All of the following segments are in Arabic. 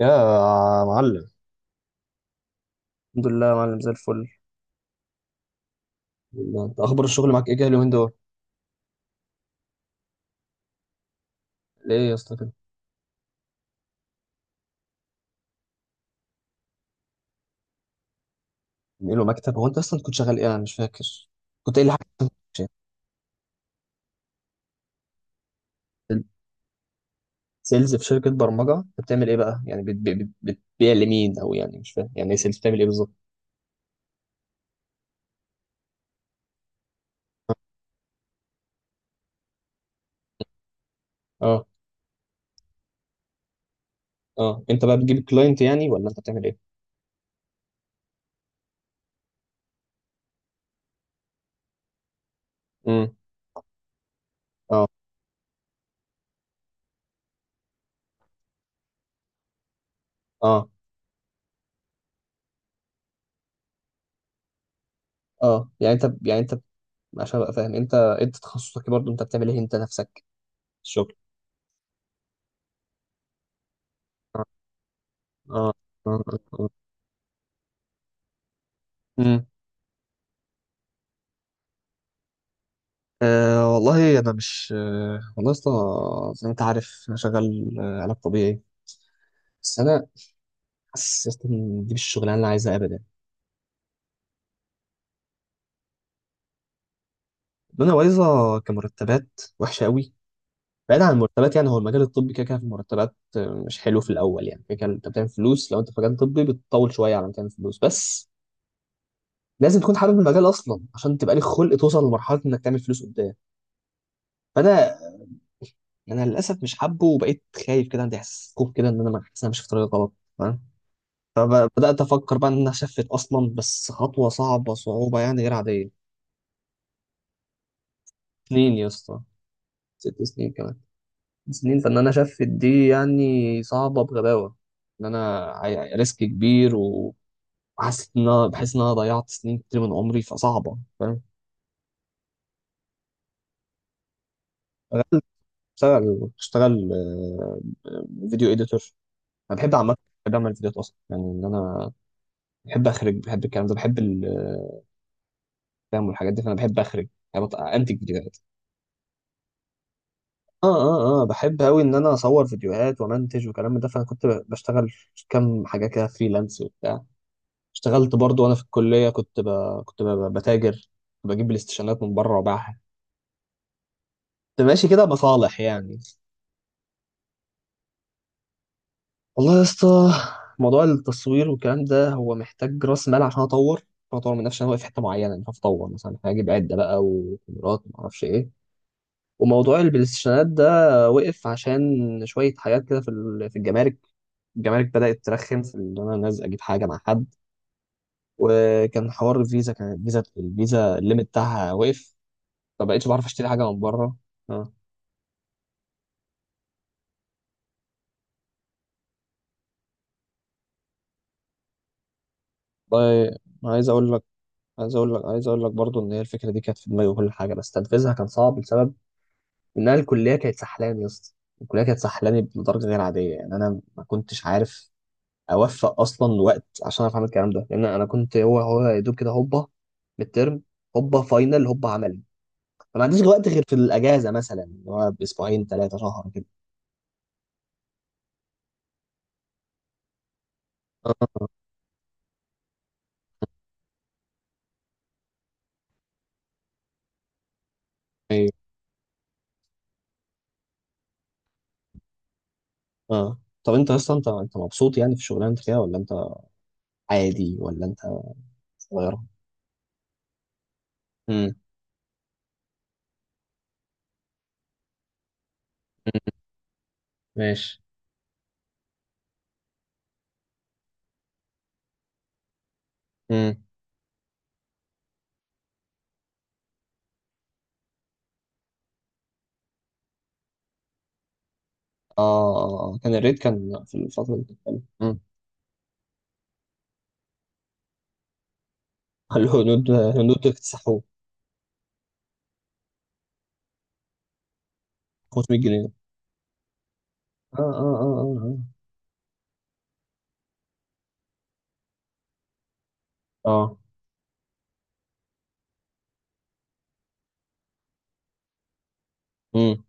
يا معلم. الحمد لله يا معلم زي الفل، والله. انت اخبار الشغل معاك ايه كده اليومين دول؟ ليه يا اسطى كده؟ له مكتب؟ هو انت اصلا كنت شغال ايه؟ انا مش فاكر، كنت قايل لي حاجه؟ سيلز في شركه برمجه، انت بتعمل ايه بقى؟ يعني بتبيع لمين؟ او يعني مش فاهم، يعني ايه سيلز؟ بتعمل ايه بالظبط؟ اه، اه، انت بقى بتجيب كلاينت يعني، ولا انت بتعمل ايه؟ امم. اه، اه، اه، يعني انت، عشان ابقى فاهم انت تخصصك إيه برضه؟ انت بتعمل ايه انت نفسك؟ الشغل. اه. اه. اه. اه. أه والله يا اسطى، زي ما أنت عارف أنا شغال علاج طبيعي. بس أنا حاسس يا اسطى إن دي مش الشغلانة اللي أنا عايزها أبدا. الدنيا بايظة، كمرتبات وحشة قوي. بعيد عن المرتبات، يعني هو المجال الطبي كده كده في المرتبات مش حلو في الأول. يعني كده كده أنت بتعمل فلوس، لو أنت في مجال طبي بتطول شوية على ما تعمل فلوس، بس لازم تكون حابب المجال أصلا عشان تبقى لك خلق توصل لمرحلة إنك تعمل فلوس قدام. فأنا للاسف مش حابه، وبقيت خايف كده، عندي احساس خوف كده ان انا حاسس إن انا ماشي في طريق غلط. فبدأت أفكر بقى إن أنا أشفت أصلا، بس خطوة صعبة، صعوبة يعني غير عادية. سنين يا اسطى، ست سنين كمان، سنين، فإن أنا أشفت دي يعني صعبة بغباوة. إن أنا ريسك كبير، وحسيت إن أنا بحس إن أنا ضيعت سنين كتير من عمري، فصعبة، فاهم. أنا بشتغل فيديو إيديتور. أنا بحب عامة، بحب أعمل فيديوهات أصلا، يعني إن أنا بحب أخرج، بحب الكلام ده، بحب الكلام والحاجات دي، فأنا بحب أخرج، يعني أنتج فيديوهات. اه، اه، اه، بحب قوي ان انا اصور فيديوهات وامنتج وكلام من ده، فانا كنت بشتغل كام حاجه كده فريلانس وبتاع. اشتغلت برضو وانا في الكليه، كنت بتاجر، كنت بجيب الاستشانات من بره وباعها، كنت ماشي كده بصالح يعني. والله يا اسطى، موضوع التصوير والكلام ده هو محتاج راس مال، عشان اطور من نفسي. انا واقف في حته معينه، مش عارف اطور، مثلا هجيب عده بقى وكاميرات وما اعرفش ايه. وموضوع البلايستيشنات ده وقف عشان شويه حاجات كده في الجمارك. الجمارك بدأت ترخم في إن أنا نازل أجيب حاجة مع حد. وكان حوار الفيزا، كان الفيزا الليمت بتاعها وقف، فبقيتش بعرف أشتري حاجة من بره. آه. والله، عايز أقول لك عايز أقول لك عايز أقول لك برضو، إن هي الفكرة دي كانت في دماغي وكل حاجة، بس تنفيذها كان صعب لسبب إن أنا الكلية كانت سحلاني يا اسطى، الكلية كانت سحلاني بدرجة غير عادية. يعني أنا ما كنتش عارف أوفق أصلا وقت عشان أعرف أعمل الكلام ده، لأن أنا كنت هو يا دوب كده، هوبا ميد ترم، هوبا فاينل، هوبا عمل. فما عنديش وقت غير في الاجازه مثلا، اللي هو باسبوعين ثلاثه شهر كده. اه. ايوه. اه. طب انت اصلا، انت مبسوط يعني في الشغلانه انت فيها، ولا انت عادي، ولا انت؟ صغيره. امم. ماشي. امم. اه. آه. آه. كان الريت في الفتره اللي كانت حلوة. امم. قال له هنود هنود اكتسحوه، 500 جنيه. اه، اه، اه، اه، اه. آه. امم.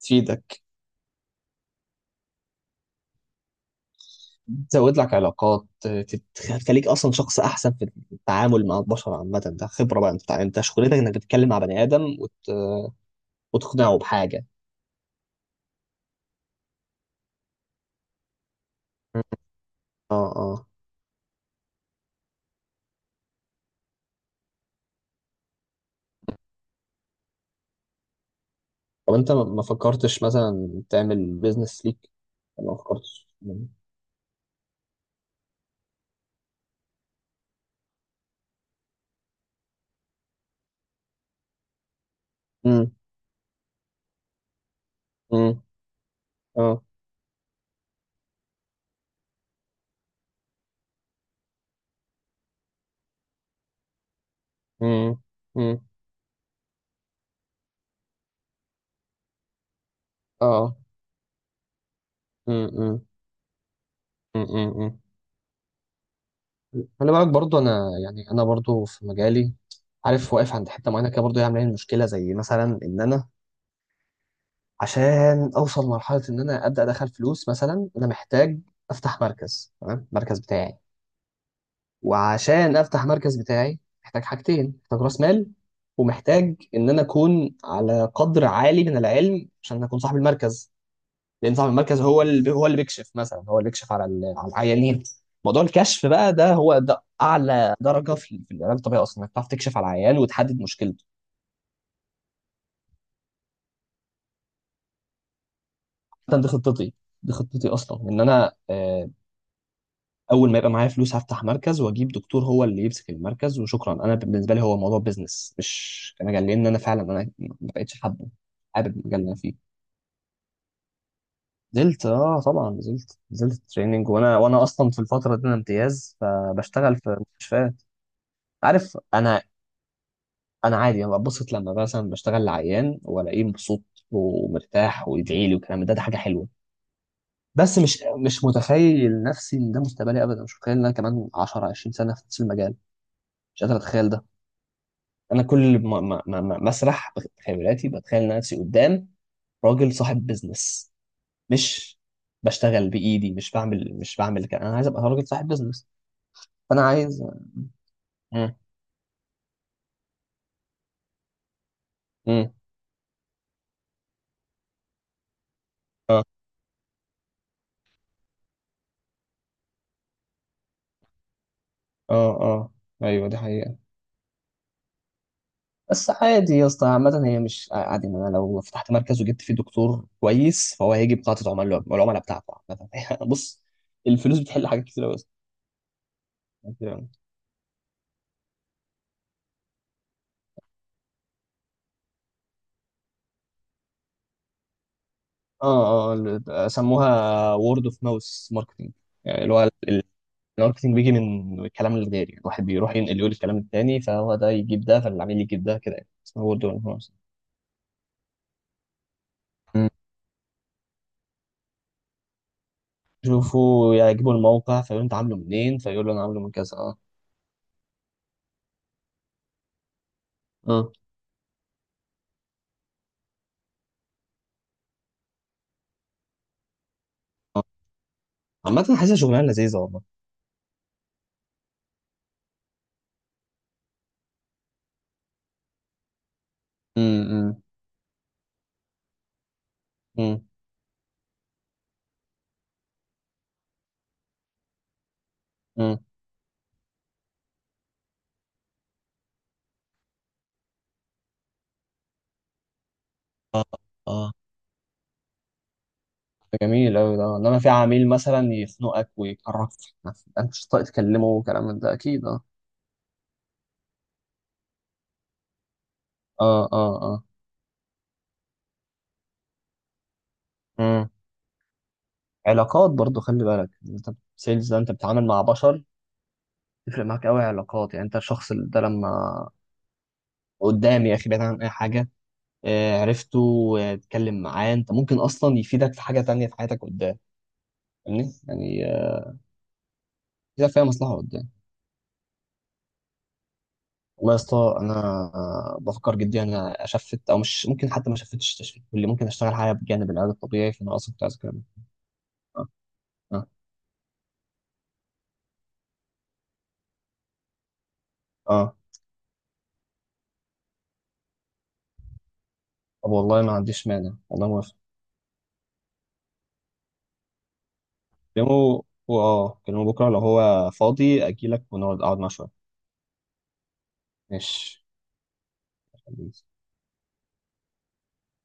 تفيدك، تزود لك علاقات، تخليك اصلا شخص احسن في التعامل مع البشر عامه، ده خبره بقى، انت شغلتك انك تتكلم مع بني ادم وتقنعه بحاجه. مم. اه. اه. طب انت ما فكرتش مثلا تعمل بيزنس ليك؟ ما فكرتش؟ امم. امم. اه. امم. امم. اه. امم. امم. خلي بالك برضو، انا برضو في مجالي، عارف، واقف عند حته معينه كده برضو، هي عامله لي مشكله، زي مثلا ان انا عشان اوصل لمرحله ان انا ابدا ادخل فلوس مثلا، انا محتاج افتح مركز، تمام، المركز بتاعي. وعشان افتح مركز بتاعي محتاج حاجتين، محتاج راس مال، ومحتاج ان انا اكون على قدر عالي من العلم عشان اكون صاحب المركز. لان صاحب المركز هو اللي بيكشف، مثلا هو اللي بيكشف على على العيانين. موضوع الكشف بقى ده هو ده اعلى درجه في العلاج الطبيعي اصلا، انك تعرف تكشف على العيان وتحدد مشكلته. ده دي خطتي دي خطتي اصلا، ان انا اول ما يبقى معايا فلوس هفتح مركز واجيب دكتور هو اللي يمسك المركز، وشكرا. انا بالنسبه لي هو موضوع بيزنس مش مجال، لان انا فعلا ما بقتش حابب المجال اللي انا فيه. نزلت، اه، طبعا نزلت، تريننج، وانا اصلا في الفتره دي انا امتياز، فبشتغل في مستشفيات. عارف انا عادي، انا ببسط لما مثلا بشتغل لعيان والاقيه مبسوط ومرتاح ويدعي لي والكلام ده، ده حاجه حلوه. بس مش متخيل نفسي ان ده مستقبلي ابدا، مش متخيل ان انا كمان 10 20 سنه في نفس المجال، مش قادر اتخيل ده. انا كل مسرح بخيالاتي، بتخيل نفسي قدام راجل صاحب بيزنس، مش بشتغل بايدي، مش بعمل كده، انا عايز ابقى راجل صاحب بيزنس. فانا عايز. امم. امم. اه. اه. اه. ايوه دي حقيقة. بس عادي يا اسطى، عامة هي مش عادي، ما انا لو فتحت مركز وجبت فيه دكتور كويس فهو هيجي بقاعدة عملاء العملاء بتاعته عامة بص، الفلوس بتحل حاجات كتير قوي. اه. اه. سموها وورد اوف ماوس ماركتنج، يعني اللي هو الماركتنج بيجي من الكلام الغير، يعني الواحد بيروح ينقل يقول الكلام التاني، فهو ده يجيب ده، فالعميل يجيب ده كده، يعني اسمه وورد وانفورس. يشوفوا يعجبوا الموقع فيقولوا انت عامله منين، فيقول له انا عامله من كذا. اه. اه. آه. عامة حاسسها شغلانة لذيذة والله. امم. امم. امم. اه. ده جميل أوي ده، انما في عميل مثلا يخنقك ويقرفك، انت مش طايق تكلمه وكلام من ده، اكيد. اه. اه. اه. اه. امم. علاقات برضو، خلي بالك انت، سيلز ده انت بتتعامل مع بشر، تفرق معاك قوي علاقات، يعني انت الشخص ده لما قدامي يا اخي، بعيد عن اي حاجه، عرفته واتكلم معاه، انت ممكن اصلا يفيدك في حاجه تانية في حياتك قدام، فاهمني يعني كده فيها مصلحه قدام. والله يا اسطى انا، بفكر جدا انا اشفت، او مش ممكن حتى، ما شفتش تشفيت، واللي ممكن اشتغل حاجه بجانب العلاج الطبيعي، فانا اصلا كنت عايز اكلمك. اه. اه. اه. طب والله ما عنديش مانع، والله موافق. كلمه بكره لو هو فاضي اجي لك، اقعد معاه شويه. ماشي.